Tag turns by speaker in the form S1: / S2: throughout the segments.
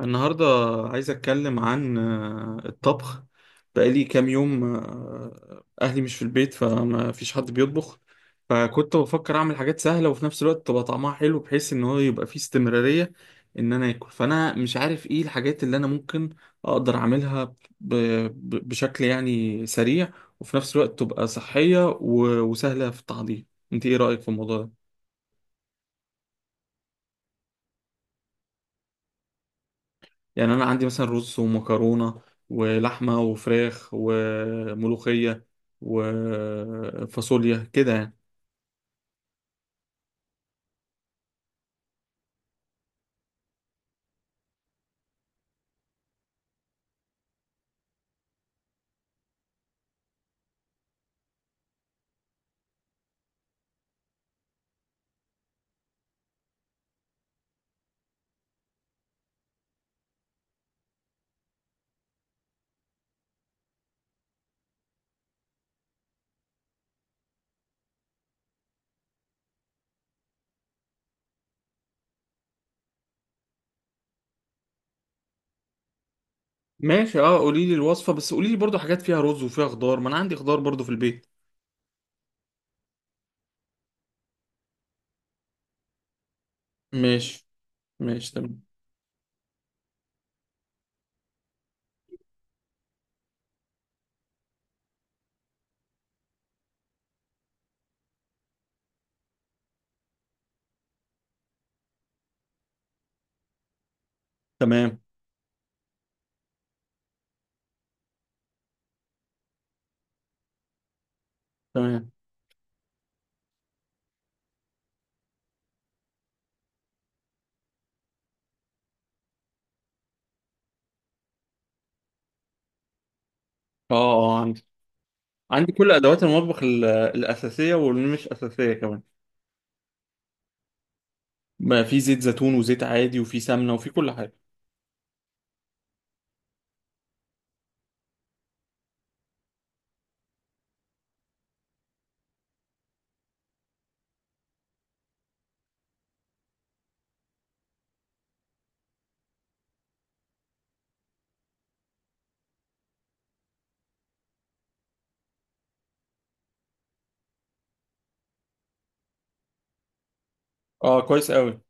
S1: النهاردة عايز أتكلم عن الطبخ. بقالي كام يوم أهلي مش في البيت فما فيش حد بيطبخ. فكنت بفكر أعمل حاجات سهلة وفي نفس الوقت تبقى طعمها حلو بحيث إن هو يبقى فيه استمرارية إن أنا آكل، فأنا مش عارف إيه الحاجات اللي أنا ممكن أقدر أعملها ب- بشكل يعني سريع، وفي نفس الوقت تبقى صحية وسهلة في التحضير. أنت إيه رأيك في الموضوع ده؟ يعني انا عندي مثلا رز ومكرونه ولحمه وفراخ وملوخيه وفاصوليا كده يعني. ماشي، اه، قولي لي الوصفه، بس قولي لي برضو حاجات فيها رز وفيها خضار، ما انا عندي خضار برضو في البيت. ماشي. ماشي، تمام. تمام، تمام، اه. اه، عندي. عندي كل ادوات المطبخ الاساسيه واللي مش اساسيه كمان. ما في زيت زيتون وزيت عادي وفي سمنه وفي كل حاجه. اه، كويس قوي.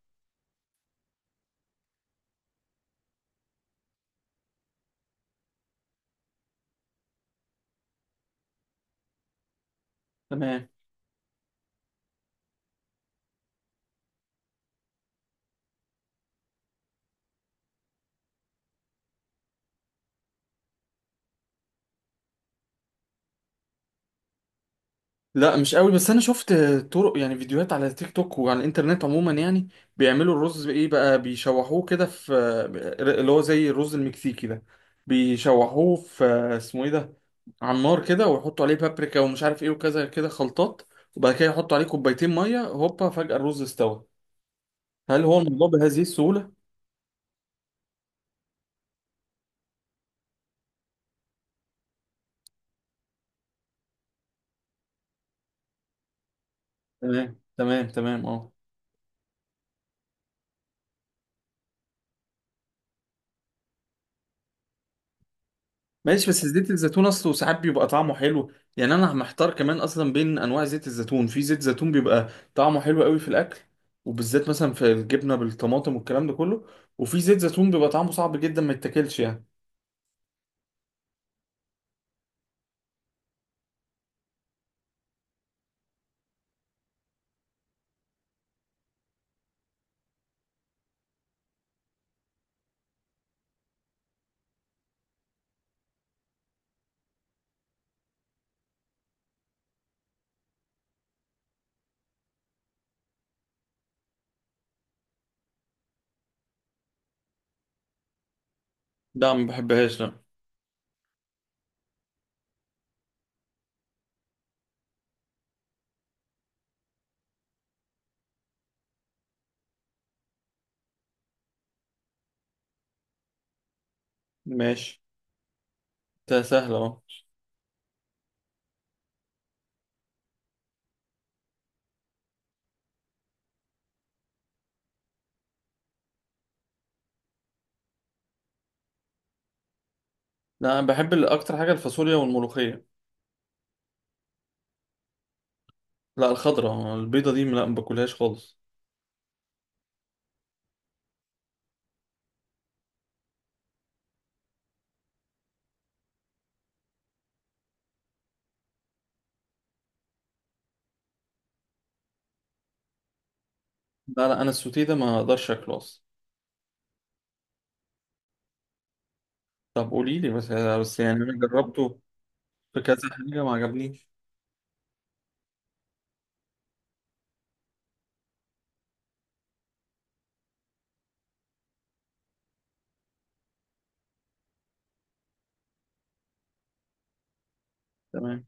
S1: تمام. لا مش قوي، بس انا شفت طرق يعني فيديوهات على تيك توك وعلى الانترنت عموما يعني. بيعملوا الرز ايه بقى، بيشوحوه كده في، اللي هو زي الرز المكسيكي ده، بيشوحوه في، اسمه ايه ده، على النار كده، ويحطوا عليه بابريكا ومش عارف ايه وكذا كده خلطات، وبعد كده يحطوا عليه كوبايتين ميه، هوبا فجأة الرز استوى. هل هو الموضوع بهذه السهولة؟ تمام، تمام، تمام، اه. ماشي، بس زيت الزيتون اصله ساعات بيبقى طعمه حلو. يعني انا محتار كمان اصلا بين انواع زيت الزيتون، في زيت زيتون بيبقى طعمه حلو قوي في الاكل، وبالذات مثلا في الجبنه بالطماطم والكلام ده كله، وفي زيت زيتون بيبقى طعمه صعب جدا ما يتاكلش يعني. لا، ما بحبهاش، لا. ماشي. ده سهل اهو. لا، انا بحب اكتر حاجه الفاصوليا والملوخيه. لا، الخضره البيضه دي، لا، ما باكلهاش خالص. لا، لا، انا السوتيه ده ما اقدرش اكله اصلا. طب قولي لي بس، بس يعني انا جربته في كذا حاجه ما عجبنيش. تمام.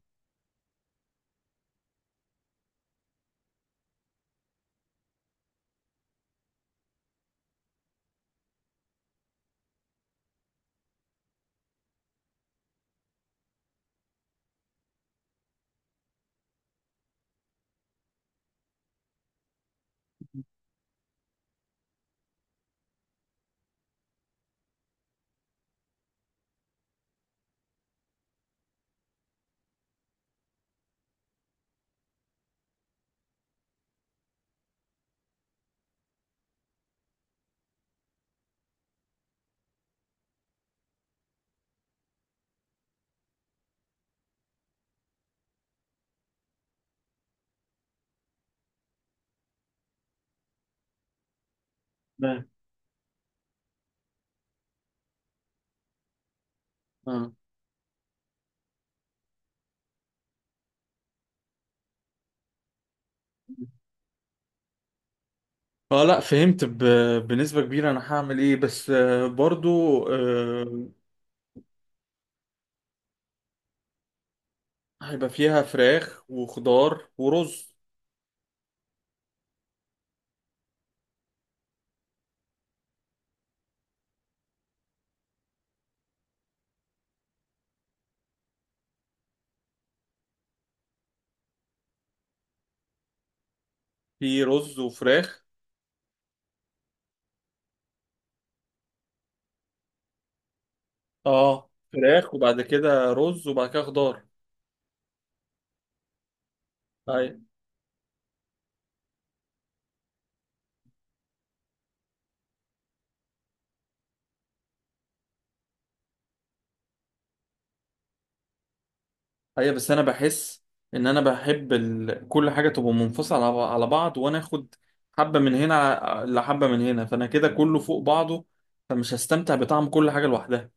S1: تمام. اه. اه، لا فهمت بنسبة كبيرة انا هعمل ايه، بس برضو آه، هيبقى فيها فراخ وخضار ورز. في رز وفراخ. اه، فراخ وبعد كده رز وبعد كده خضار. ايوه. ايوه، بس انا بحس ان انا بحب كل حاجة تبقى منفصلة على بعض، وانا اخد حبة من هنا لحبة من هنا، فانا كده كله فوق بعضه، فمش هستمتع بطعم كل حاجة لوحدها.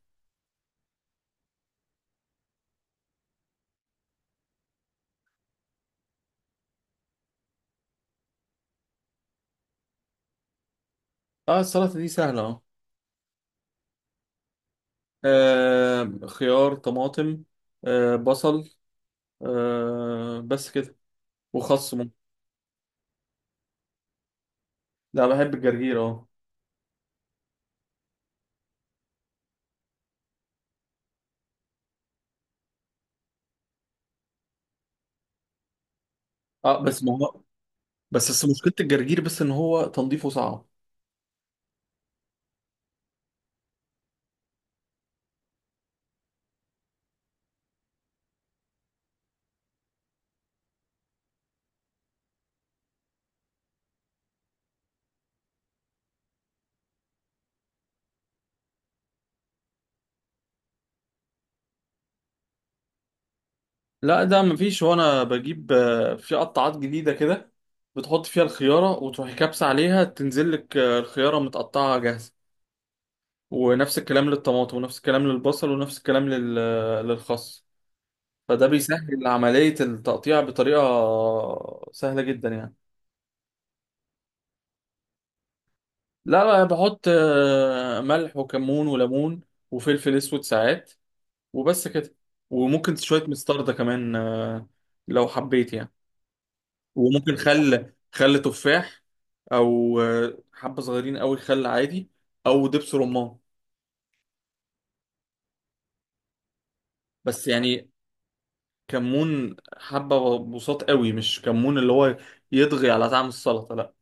S1: اه، السلطة دي سهلة اهو. خيار، طماطم، بصل، بس كده، وخس ممكن. لا، بحب الجرجير، اه. اه، بس ما هو بس مشكلة الجرجير، بس ان هو تنظيفه صعب. لا ده مفيش. هو انا بجيب في قطعات جديدة كده، بتحط فيها الخيارة وتروحي كابسة عليها تنزل لك الخيارة متقطعة جاهزة، ونفس الكلام للطماطم ونفس الكلام للبصل ونفس الكلام للخس، فده بيسهل عملية التقطيع بطريقة سهلة جدا يعني. لا، لا، بحط ملح وكمون وليمون وفلفل اسود ساعات، وبس كده. وممكن شوية مستردة كمان، لو حبيت يعني. وممكن خل، خل تفاح، او حبة صغيرين قوي خل عادي، او دبس رمان. بس يعني كمون حبة بساط قوي، مش كمون اللي هو يطغي على طعم السلطة، لا.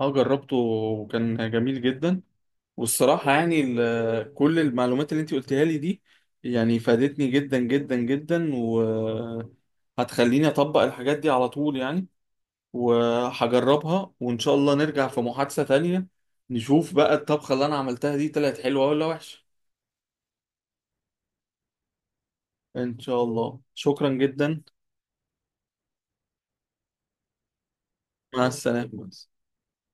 S1: اه، جربته وكان جميل جدا. والصراحة يعني كل المعلومات اللي انت قلتها لي دي يعني فادتني جدا جدا جدا، وهتخليني أطبق الحاجات دي على طول يعني، وهجربها وإن شاء الله نرجع في محادثة تانية، نشوف بقى الطبخة اللي أنا عملتها دي طلعت حلوة ولا وحشة. إن شاء الله، شكرا جدا. مع السلامة.